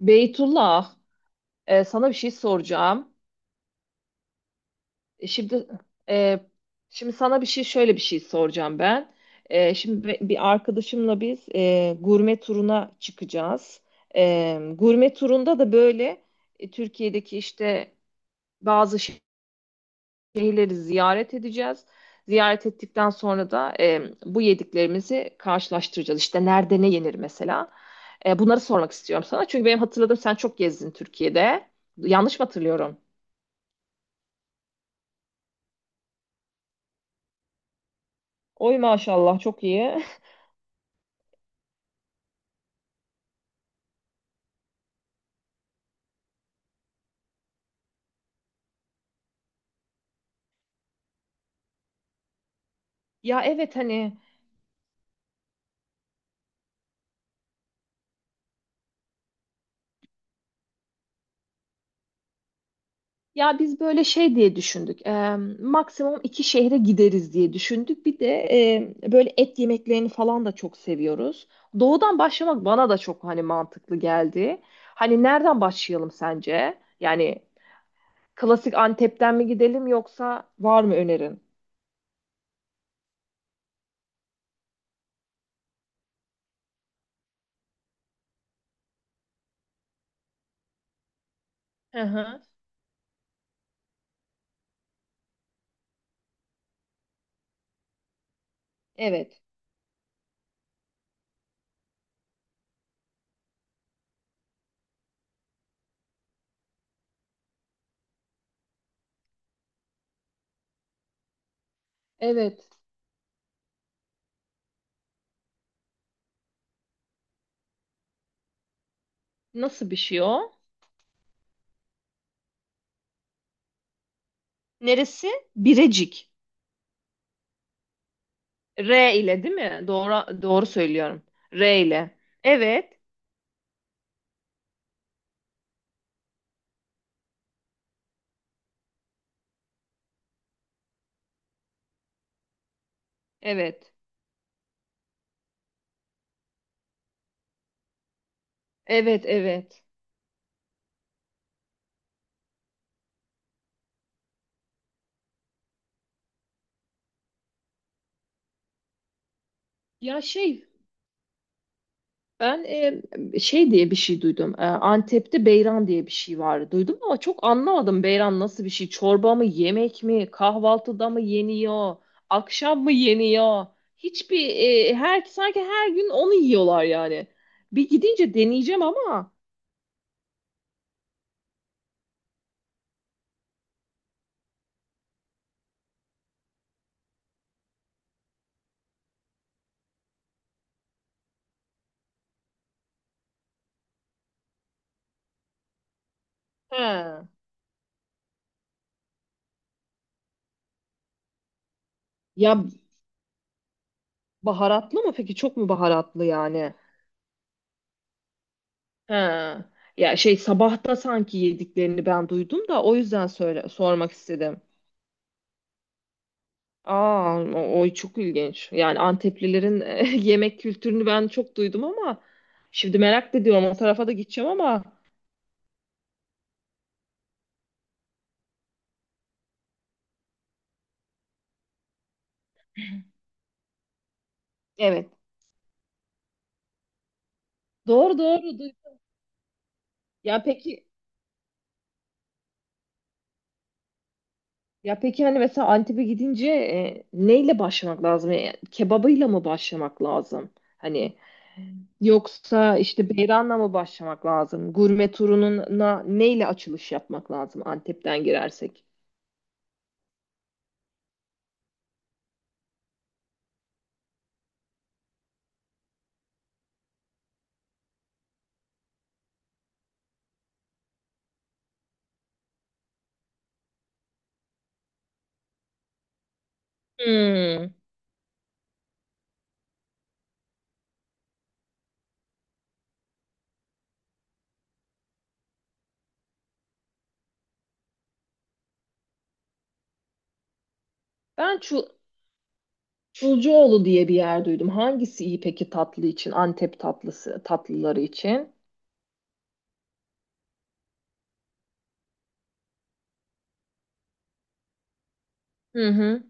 Beytullah, sana bir şey soracağım. E, Şimdi e, Şimdi sana bir şey şöyle bir şey soracağım ben. Şimdi bir arkadaşımla biz gurme turuna çıkacağız. Gurme turunda da böyle Türkiye'deki işte bazı şehirleri ziyaret edeceğiz. Ziyaret ettikten sonra da bu yediklerimizi karşılaştıracağız. İşte nerede ne yenir mesela. Bunları sormak istiyorum sana. Çünkü benim hatırladığım, sen çok gezdin Türkiye'de. Yanlış mı hatırlıyorum? Oy, maşallah, çok iyi. Ya evet hani, ya biz böyle şey diye düşündük. Maksimum iki şehre gideriz diye düşündük. Bir de böyle et yemeklerini falan da çok seviyoruz. Doğudan başlamak bana da çok hani mantıklı geldi. Hani nereden başlayalım sence? Yani klasik Antep'ten mi gidelim, yoksa var mı önerin? Hı hı. Evet. Evet. Nasıl bir şey o? Neresi? Birecik. R ile değil mi? Doğru doğru söylüyorum. R ile. Evet. Evet. Evet, evet. Ya şey ben, şey diye bir şey duydum. Antep'te beyran diye bir şey vardı. Duydum ama çok anlamadım, beyran nasıl bir şey. Çorba mı, yemek mi, kahvaltıda mı yeniyor, akşam mı yeniyor? Hiçbir Her sanki her gün onu yiyorlar yani. Bir gidince deneyeceğim ama. He. Ya baharatlı mı peki? Çok mu baharatlı yani? Ha. Ya şey, sabahta sanki yediklerini ben duydum da, o yüzden sormak istedim. Aa, o çok ilginç. Yani Anteplilerin yemek kültürünü ben çok duydum ama şimdi merak da ediyorum, o tarafa da gideceğim ama evet. Doğru doğru. Ya peki Ya peki, hani mesela Antep'e gidince neyle başlamak lazım? Yani kebabıyla mı başlamak lazım? Hani yoksa işte beyranla mı başlamak lazım? Gurme turununa neyle açılış yapmak lazım Antep'ten girersek? Hmm. Ben Çulcuoğlu diye bir yer duydum. Hangisi iyi peki tatlı için? Antep tatlısı, tatlıları için. Hı hı.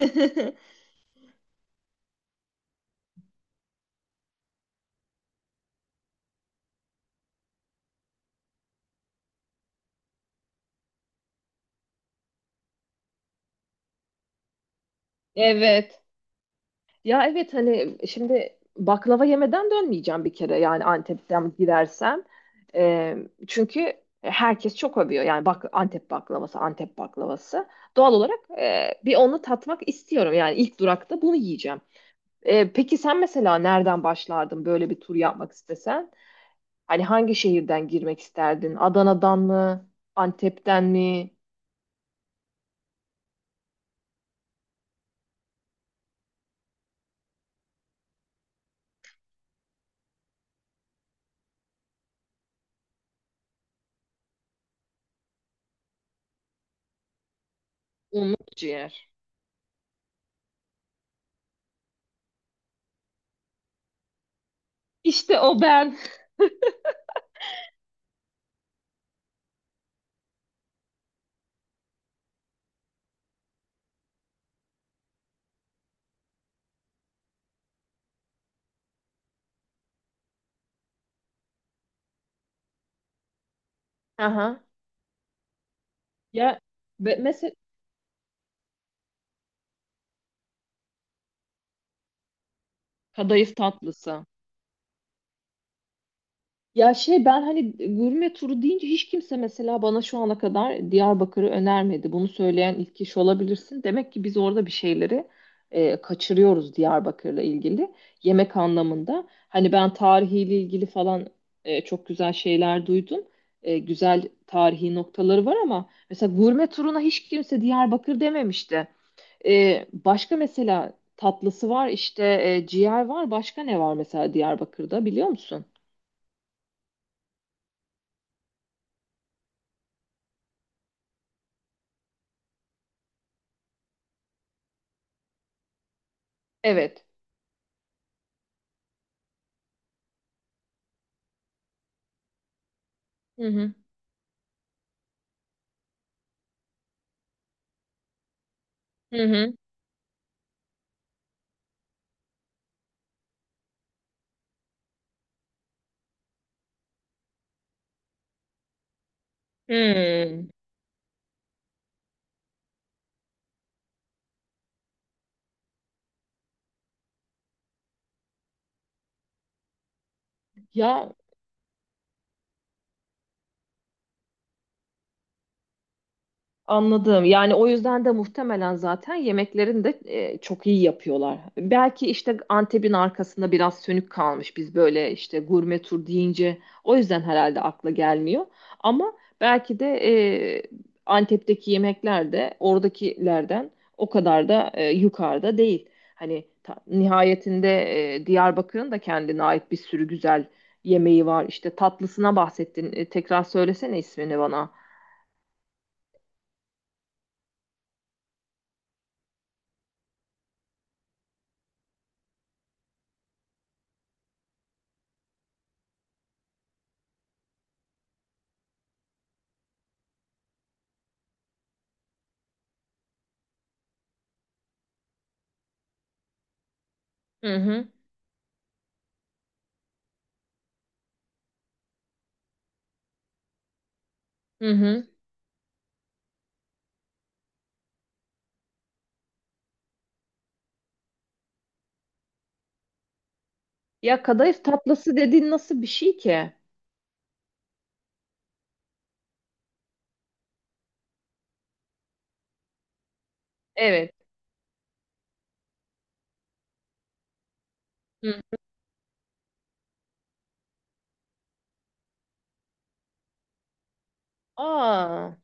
Evet. Ya evet, hani şimdi baklava yemeden dönmeyeceğim bir kere, yani Antep'ten gidersem. Ee, Çünkü herkes çok övüyor yani, bak, Antep baklavası, Antep baklavası. Doğal olarak bir onu tatmak istiyorum yani, ilk durakta bunu yiyeceğim. Peki sen mesela nereden başlardın böyle bir tur yapmak istesen? Hani hangi şehirden girmek isterdin? Adana'dan mı? Antep'ten mi? Umut ciğer. İşte o ben. Aha. Ya mesela kadayıf tatlısı. Ya şey, ben hani gurme turu deyince hiç kimse mesela bana şu ana kadar Diyarbakır'ı önermedi. Bunu söyleyen ilk kişi olabilirsin. Demek ki biz orada bir şeyleri kaçırıyoruz Diyarbakır'la ilgili, yemek anlamında. Hani ben tarihiyle ilgili falan çok güzel şeyler duydum. Güzel tarihi noktaları var ama mesela gurme turuna hiç kimse Diyarbakır dememişti. Başka mesela tatlısı var işte, ciğer var. Başka ne var mesela Diyarbakır'da, biliyor musun? Evet. Hı hı. Hı hı. Hmm. Ya, anladım. Yani o yüzden de muhtemelen zaten yemeklerini de çok iyi yapıyorlar. Belki işte Antep'in arkasında biraz sönük kalmış. Biz böyle işte gurme tur deyince o yüzden herhalde akla gelmiyor. Ama belki de e, Antep'teki yemekler de oradakilerden o kadar da yukarıda değil. Hani nihayetinde Diyarbakır'ın da kendine ait bir sürü güzel yemeği var. İşte tatlısına bahsettin. Tekrar söylesene ismini bana. Hı hı. Hı hı. Ya kadayıf tatlısı dediğin nasıl bir şey ki? Evet. Hı. Aa.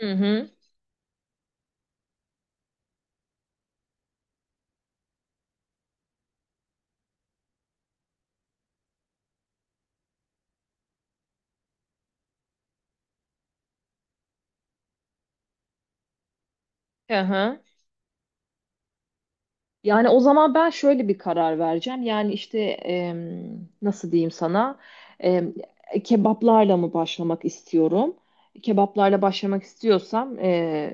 Hı hı. Hı hı. Yani o zaman ben şöyle bir karar vereceğim. Yani işte nasıl diyeyim sana? Em, Kebaplarla mı başlamak istiyorum? Kebaplarla başlamak istiyorsam e,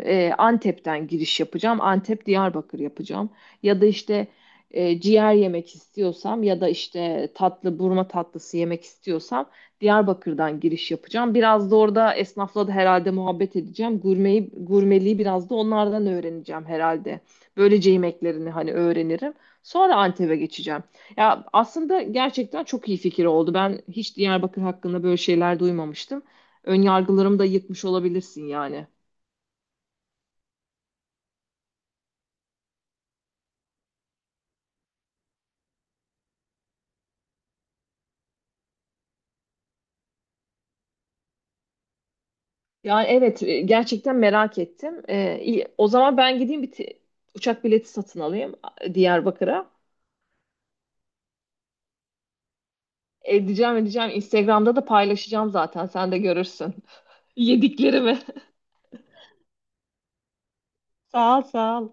e, Antep'ten giriş yapacağım. Antep Diyarbakır yapacağım. Ya da işte ciğer yemek istiyorsam, ya da işte burma tatlısı yemek istiyorsam Diyarbakır'dan giriş yapacağım. Biraz da orada esnafla da herhalde muhabbet edeceğim. Gurmeliği biraz da onlardan öğreneceğim herhalde. Böylece yemeklerini hani öğrenirim. Sonra Antep'e geçeceğim. Ya aslında gerçekten çok iyi fikir oldu. Ben hiç Diyarbakır hakkında böyle şeyler duymamıştım. Önyargılarımı da yıkmış olabilirsin yani. Yani evet, gerçekten merak ettim. İyi. O zaman ben gideyim bir uçak bileti satın alayım Diyarbakır'a. Edeceğim, edeceğim. Instagram'da da paylaşacağım zaten. Sen de görürsün. Yediklerimi. Sağ ol, sağ ol.